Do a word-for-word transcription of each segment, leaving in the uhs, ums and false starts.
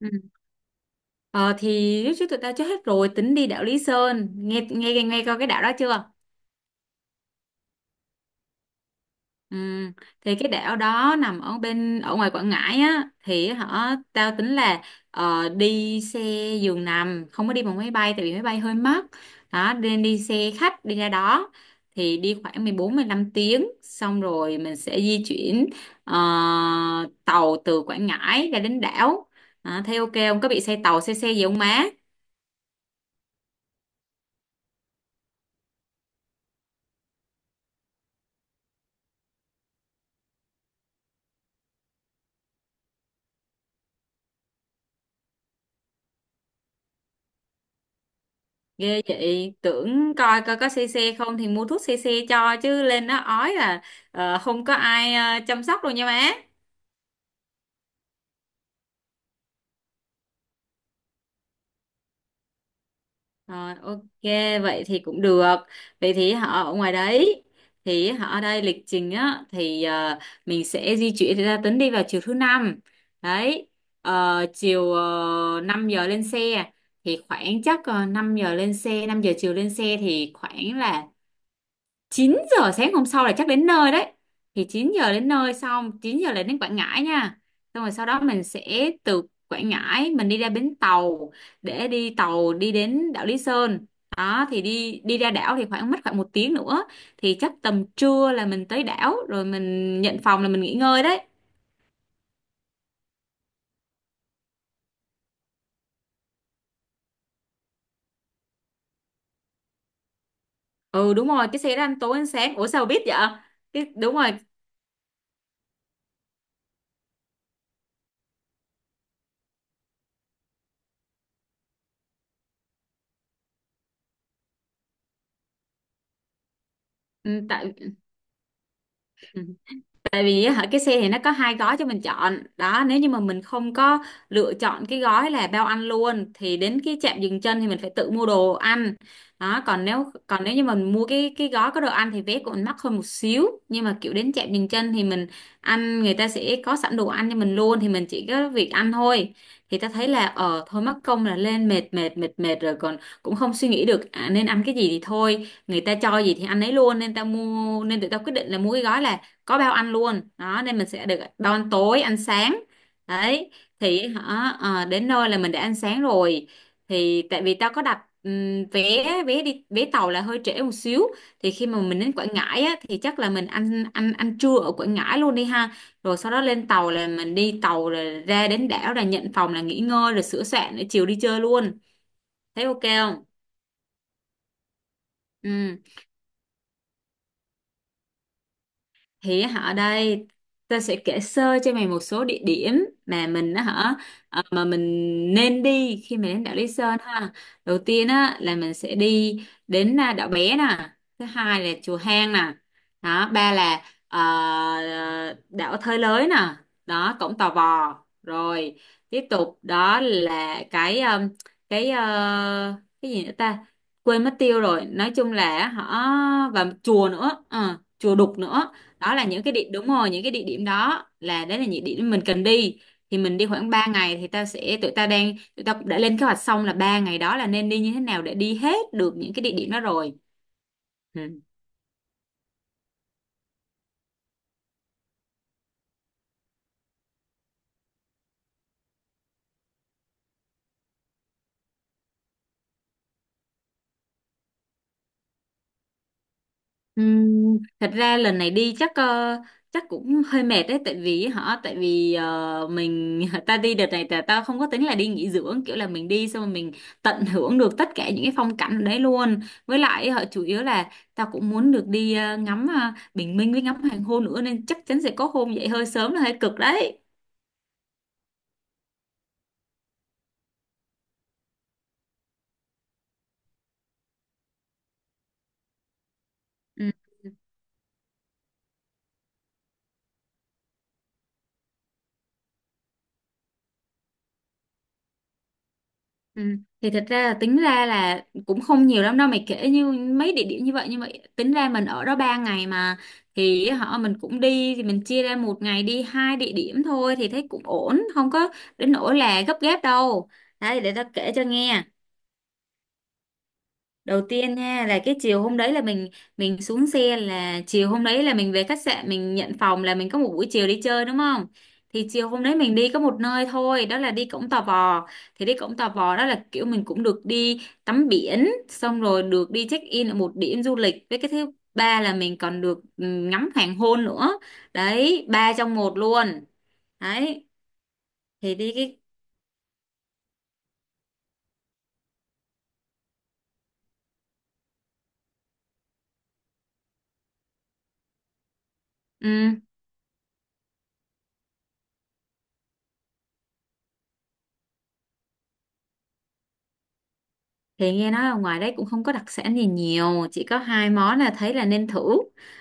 Ừ. Ờ, thì riết trước tụi tao chơi hết rồi tính đi đảo Lý Sơn nghe nghe nghe coi cái đảo đó chưa. Ừ. Thì cái đảo đó nằm ở bên ở ngoài Quảng Ngãi á, thì họ tao tính là ờ, đi xe giường nằm, không có đi bằng máy bay tại vì máy bay hơi mắc đó, nên đi xe khách đi ra đó. Thì đi khoảng mười bốn mười 15 tiếng xong rồi mình sẽ di chuyển ờ, tàu từ Quảng Ngãi ra đến đảo. À, thấy ok không, có bị xe tàu xe xe gì không má? Ghê vậy, tưởng coi coi có xe xe không thì mua thuốc xe xe cho, chứ lên đó ói là ờ, không có ai ờ, chăm sóc đâu nha má. Rồi ok, vậy thì cũng được. Vậy thì họ ở ngoài đấy, thì họ ở đây lịch trình á thì ờ, mình sẽ di chuyển ra Tấn đi vào chiều thứ năm. Đấy. Ờ, chiều uh, năm giờ lên xe thì khoảng chắc uh, năm giờ lên xe, năm giờ chiều lên xe thì khoảng là chín giờ sáng hôm sau là chắc đến nơi đấy. Thì chín giờ đến nơi, xong chín giờ là đến Quảng Ngãi nha. Xong rồi sau đó mình sẽ từ Quảng Ngãi mình đi ra bến tàu để đi tàu đi đến đảo Lý Sơn đó. Thì đi đi ra đảo thì khoảng mất khoảng một tiếng nữa. Thì chắc tầm trưa là mình tới đảo rồi mình nhận phòng là mình nghỉ ngơi đấy. Ừ, đúng rồi, cái xe đó ăn tối ăn sáng. Ủa sao bà biết vậy? Cái đúng rồi. ừ, tại ừ. Tại vì á, hả, cái xe thì nó có hai gói cho mình chọn đó. Nếu như mà mình không có lựa chọn cái gói là bao ăn luôn thì đến cái trạm dừng chân thì mình phải tự mua đồ ăn đó. Còn nếu còn nếu như mình mua cái cái gói có đồ ăn thì vé của mình mắc hơn một xíu, nhưng mà kiểu đến trạm dừng chân thì mình ăn người ta sẽ có sẵn đồ ăn cho mình luôn thì mình chỉ có việc ăn thôi. Thì ta thấy là ờ thôi mất công là lên mệt mệt mệt mệt rồi còn cũng không suy nghĩ được à, nên ăn cái gì thì thôi, người ta cho gì thì ăn ấy luôn, nên ta mua, nên tụi tao quyết định là mua cái gói là có bao ăn luôn đó, nên mình sẽ được bao ăn tối ăn sáng đấy. Thì hả ờ, đến nơi là mình đã ăn sáng rồi. Thì tại vì tao có đặt ừm, vé vé đi vé tàu là hơi trễ một xíu. Thì khi mà mình đến Quảng Ngãi á, thì chắc là mình ăn ăn ăn trưa ở Quảng Ngãi luôn đi ha. Rồi sau đó lên tàu là mình đi tàu rồi ra đến đảo là nhận phòng là nghỉ ngơi rồi sửa soạn để chiều đi chơi luôn. Thấy ok không? Ừ. Thì á, hả, đây ta sẽ kể sơ cho mày một số địa điểm mà mình á hả ờ, mà mình nên đi khi mà đến đảo Lý Sơn ha. Đầu tiên á là mình sẽ đi đến à, đảo Bé nè. Thứ hai là chùa Hang nè. Đó, ba là ờ, đảo Thới Lới nè. Đó, cổng Tò Vò rồi. Tiếp tục đó là cái um, cái ờ, cái gì nữa ta, quên mất tiêu rồi, nói chung là họ và chùa nữa. Ờ, Chùa Đục nữa. Đó là những cái địa đúng rồi, những cái địa điểm đó là đấy là những địa điểm mình cần đi. Thì mình đi khoảng ba ngày thì tao sẽ tụi tao đang tụi tao cũng đã lên kế hoạch xong là ba ngày đó là nên đi như thế nào để đi hết được những cái địa điểm đó rồi. Ừ. Ừm, thật ra lần này đi chắc ờ, chắc cũng hơi mệt đấy, tại vì họ tại vì ờ, mình ta đi đợt này là tao không có tính là đi nghỉ dưỡng kiểu là mình đi xong rồi mình tận hưởng được tất cả những cái phong cảnh ở đấy luôn. Với lại họ chủ yếu là tao cũng muốn được đi ờ, ngắm ờ, bình minh với ngắm hoàng hôn nữa, nên chắc chắn sẽ có hôm dậy hơi sớm là hơi cực đấy. Ừ. Ừ. Thì thật ra là tính ra là cũng không nhiều lắm đâu mày, kể như mấy địa điểm như vậy, như vậy tính ra mình ở đó ba ngày mà. Thì họ mình cũng đi thì mình chia ra một ngày đi hai địa điểm thôi thì thấy cũng ổn, không có đến nỗi là gấp gáp đâu đấy. Để tao kể cho nghe. Đầu tiên nha là cái chiều hôm đấy là mình mình xuống xe là chiều hôm đấy là mình về khách sạn mình nhận phòng là mình có một buổi chiều đi chơi đúng không? Thì chiều hôm đấy mình đi có một nơi thôi, đó là đi Cổng Tò Vò. Thì đi Cổng Tò Vò đó là kiểu mình cũng được đi tắm biển xong rồi được đi check in ở một điểm du lịch, với cái thứ ba là mình còn được ừ, ngắm hoàng hôn nữa. Đấy, ba trong một luôn. Đấy, thì đi cái ừ. Thì nghe nói là ngoài đấy cũng không có đặc sản gì nhiều, chỉ có hai món là thấy là nên thử,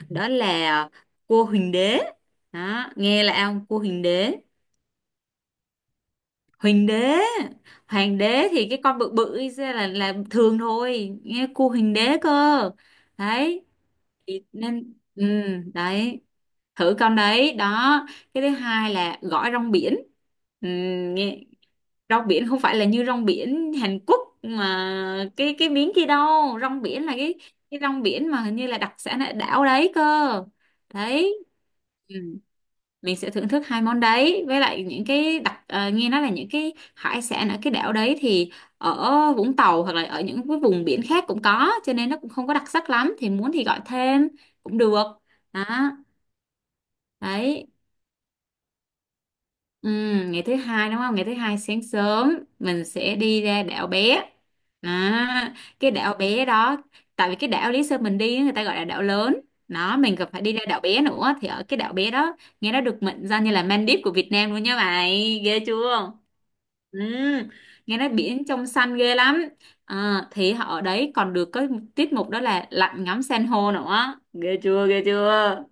đó là cua huỳnh đế. Đó, nghe là ông cua huỳnh đế. Huỳnh đế, hoàng đế thì cái con bự bự ấy ra là là thường thôi, nghe cua huỳnh đế cơ. Đấy, thì nên ừ, đấy, thử con đấy đó. Cái thứ hai là gỏi rong biển. Ừ, nghe rong biển không phải là như rong biển Hàn Quốc mà cái cái miếng kia đâu, rong biển là cái cái rong biển mà hình như là đặc sản ở đảo đấy cơ. Đấy. Ừ. Mình sẽ thưởng thức hai món đấy, với lại những cái đặc ờ, nghe nói là những cái hải sản ở cái đảo đấy thì ở Vũng Tàu hoặc là ở những cái vùng biển khác cũng có, cho nên nó cũng không có đặc sắc lắm, thì muốn thì gọi thêm cũng được. Đó. Đấy. Ừ, ngày thứ hai đúng không? Ngày thứ hai sáng sớm mình sẽ đi ra đảo bé. À, cái đảo bé đó, tại vì cái đảo Lý Sơn mình đi á, người ta gọi là đảo lớn. Nó mình còn phải đi ra đảo bé nữa, thì ở cái đảo bé đó nghe nó được mệnh danh như là Maldives của Việt Nam luôn nha mày. Ghê chưa? Ừ, nghe nói biển trong xanh ghê lắm. À, thì họ ở đấy còn được có tiết mục đó là lặn ngắm san hô nữa. Ghê chưa? Ghê chưa?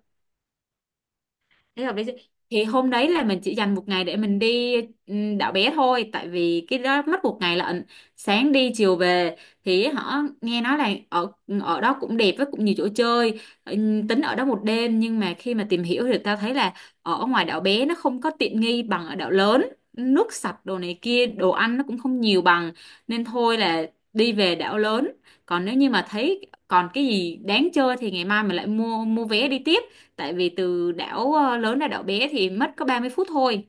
Thế hợp lý chứ. Thì hôm đấy là mình chỉ dành một ngày để mình đi ừm, đảo bé thôi, tại vì cái đó mất một ngày lận, sáng đi chiều về. Thì họ nghe nói là ở ở đó cũng đẹp với cũng nhiều chỗ chơi. Ừm, tính ở đó một đêm, nhưng mà khi mà tìm hiểu thì tao thấy là ở ngoài đảo bé nó không có tiện nghi bằng ở đảo lớn, nước sạch đồ này kia, đồ ăn nó cũng không nhiều bằng, nên thôi là đi về đảo lớn. Còn nếu như mà thấy còn cái gì đáng chơi thì ngày mai mình lại mua mua vé đi tiếp, tại vì từ đảo ờ, lớn ra đảo bé thì mất có ba mươi phút thôi.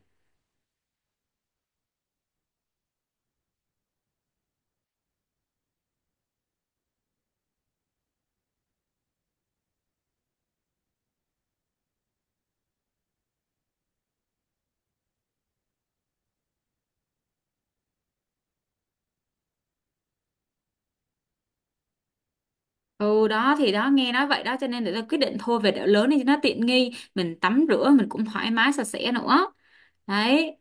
Ừ, đó thì đó nghe nói vậy đó cho nên là quyết định thôi về đảo lớn đi cho nó tiện nghi, mình tắm rửa mình cũng thoải mái sạch sẽ nữa. Đấy.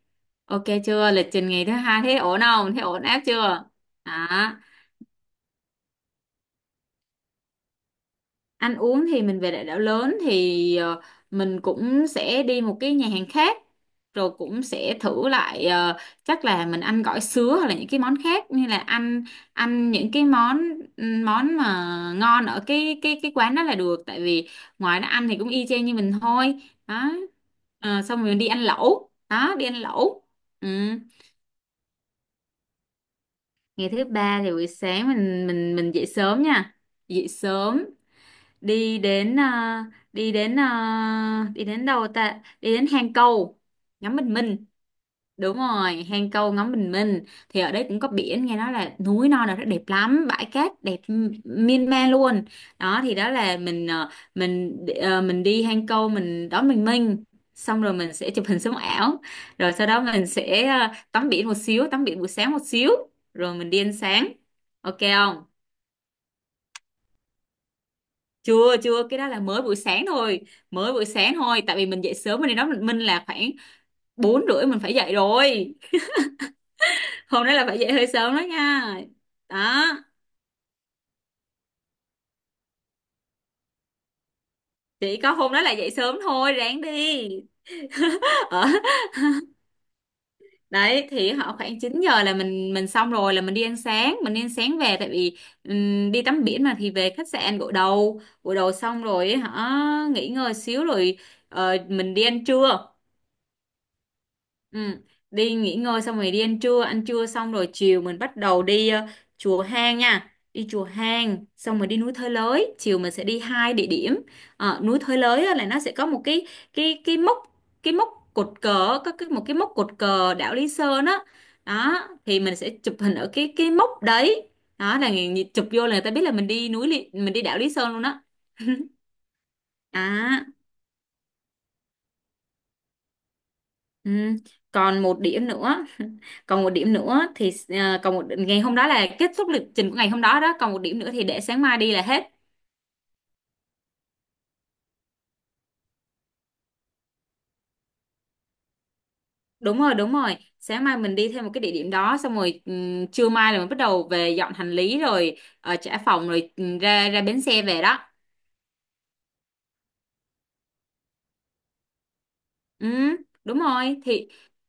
Ok chưa? Lịch trình ngày thứ hai thế ổn không? Thế ổn áp chưa? Đó. Ăn uống thì mình về đại đảo lớn thì ờ, mình cũng sẽ đi một cái nhà hàng khác, rồi cũng sẽ thử lại ờ, chắc là mình ăn gỏi sứa hoặc là những cái món khác, như là ăn ăn những cái món món mà ngon ở cái cái cái quán đó là được, tại vì ngoài nó ăn thì cũng y chang như mình thôi. đó. Ờ, xong rồi mình đi ăn lẩu, đó đi ăn lẩu. Ừ. Ngày thứ ba thì buổi sáng mình mình mình dậy sớm nha. Dậy sớm, đi đến— à, đi đến à, đi đến đâu ta? Đi đến hang câu ngắm bình minh. Đúng rồi, hang câu ngắm bình minh thì ở đấy cũng có biển, nghe nói là núi non là rất đẹp lắm, bãi cát đẹp m- miên man luôn. Đó, thì đó là mình ờ, mình ờ, mình đi hang câu, mình đón bình minh. Xong rồi mình sẽ chụp hình sống ảo, rồi sau đó mình sẽ ờ, tắm biển một xíu, tắm biển buổi sáng một xíu, rồi mình đi ăn sáng. Ok không? Chưa chưa, cái đó là mới buổi sáng thôi. Mới buổi sáng thôi tại vì mình dậy sớm, nên đó mình mình là khoảng bốn rưỡi mình phải dậy rồi. Hôm đó là phải dậy hơi sớm đó nha. Đó, chỉ có hôm đó là dậy sớm thôi, ráng đi. Ở đấy thì họ khoảng chín giờ là mình mình xong rồi, là mình đi ăn sáng. Mình đi ăn sáng về, tại vì ừm, đi tắm biển mà, thì về khách sạn gội đầu. Gội đầu xong rồi họ nghỉ ngơi xíu rồi ờ, mình đi ăn trưa. Ừ, đi nghỉ ngơi xong rồi đi ăn trưa, ăn trưa xong rồi chiều mình bắt đầu đi ờ, chùa Hang nha. Đi chùa Hang xong rồi đi núi Thới Lới, chiều mình sẽ đi hai địa điểm. Ờ, núi Thới Lới á là nó sẽ có một cái— cái cái mốc cái mốc cột cờ, có cái một cái mốc cột cờ đảo Lý Sơn á. Đó, thì mình sẽ chụp hình ở cái cái mốc đấy. Đó là người— chụp vô là người ta biết là mình đi núi Lý— mình đi đảo Lý Sơn luôn á. Đó. Ừ. Còn một điểm nữa, còn một điểm nữa thì ờ, còn một ngày hôm đó là kết thúc lịch trình của ngày hôm đó đó, còn một điểm nữa thì để sáng mai đi là hết. Đúng rồi, đúng rồi, sáng mai mình đi thêm một cái địa điểm đó, xong rồi ừm, trưa mai là mình bắt đầu về dọn hành lý rồi ờ, trả phòng rồi ừm, ra ra bến xe về đó. Ừ, đúng rồi thì—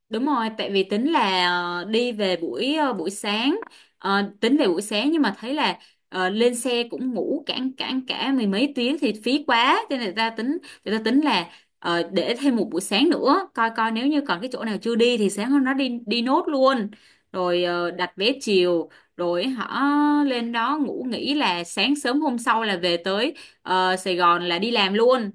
đúng rồi, tại vì tính là ờ, đi về buổi ờ, buổi sáng. Ờ, tính về buổi sáng nhưng mà thấy là ờ, lên xe cũng ngủ cả cả cả mười mấy tiếng thì phí quá, cho nên người ta tính người ta tính là ờ, để thêm một buổi sáng nữa, coi coi nếu như còn cái chỗ nào chưa đi thì sáng hôm đó đi đi nốt luôn, rồi ờ, đặt vé chiều, rồi họ lên đó ngủ nghỉ, là sáng sớm hôm sau là về tới ờ, Sài Gòn là đi làm luôn.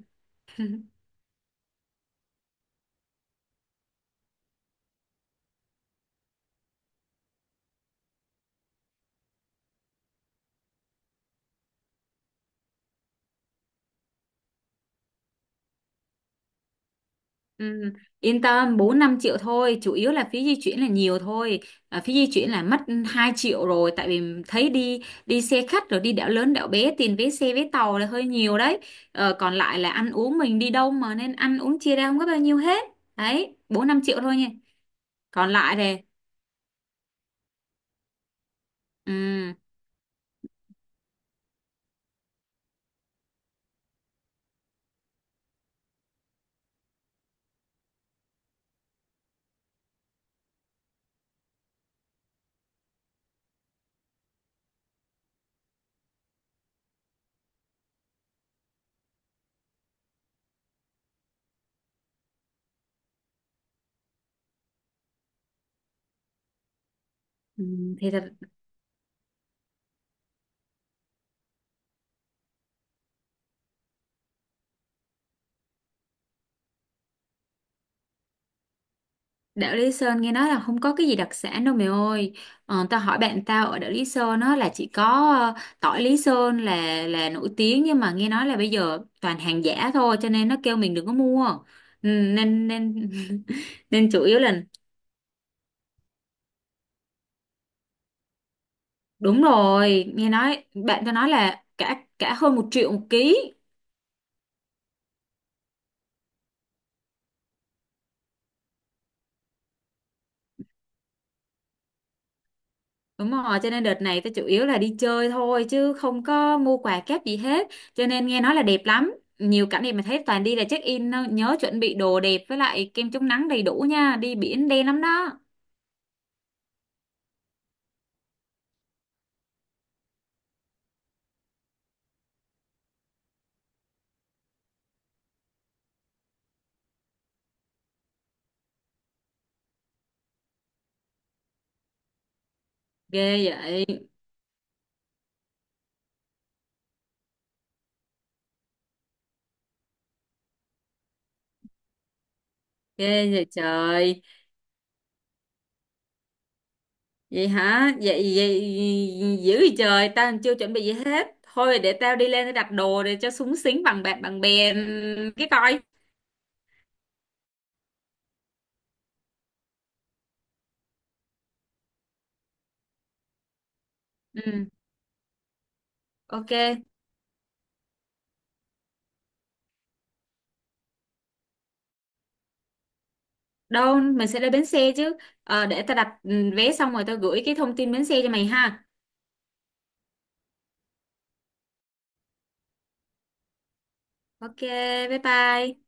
Ừ, yên tâm, bốn năm triệu thôi, chủ yếu là phí di chuyển là nhiều thôi. À, phí di chuyển là mất hai triệu rồi, tại vì thấy đi đi xe khách rồi đi đảo lớn đảo bé, tiền vé xe vé tàu là hơi nhiều đấy. Ờ, còn lại là ăn uống, mình đi đâu mà, nên ăn uống chia ra không có bao nhiêu hết. Đấy, bốn năm triệu thôi nha. Còn lại thì— ừ, ừ, thì thật— Đảo Lý Sơn nghe nói là không có cái gì đặc sản đâu mày ơi. Ờ, tao hỏi bạn tao ở đảo Lý Sơn á là chỉ có ờ, tỏi Lý Sơn là— là nổi tiếng, nhưng mà nghe nói là bây giờ toàn hàng giả thôi, cho nên nó kêu mình đừng có mua. Ừ, nên nên nên chủ yếu là— đúng rồi, nghe nói bạn tao nói là cả cả hơn một triệu một ký. Đúng rồi, cho nên đợt này tôi chủ yếu là đi chơi thôi chứ không có mua quà kép gì hết. Cho nên nghe nói là đẹp lắm, nhiều cảnh đẹp mà thấy toàn đi là check in thôi. Nhớ chuẩn bị đồ đẹp với lại kem chống nắng đầy đủ nha, đi biển đen lắm đó. Ghê vậy, ghê vậy trời. Vậy hả? Vậy, vậy dữ vậy trời, tao chưa chuẩn bị gì hết. Thôi để tao đi lên để đặt đồ để cho súng xính bằng bạn bằng bè cái coi. Ừ, ok. Đâu mình sẽ đến bến xe chứ. Ờ, để tao đặt ừ, vé xong rồi tao gửi cái thông tin bến xe cho mày ha. Ok, bye bye.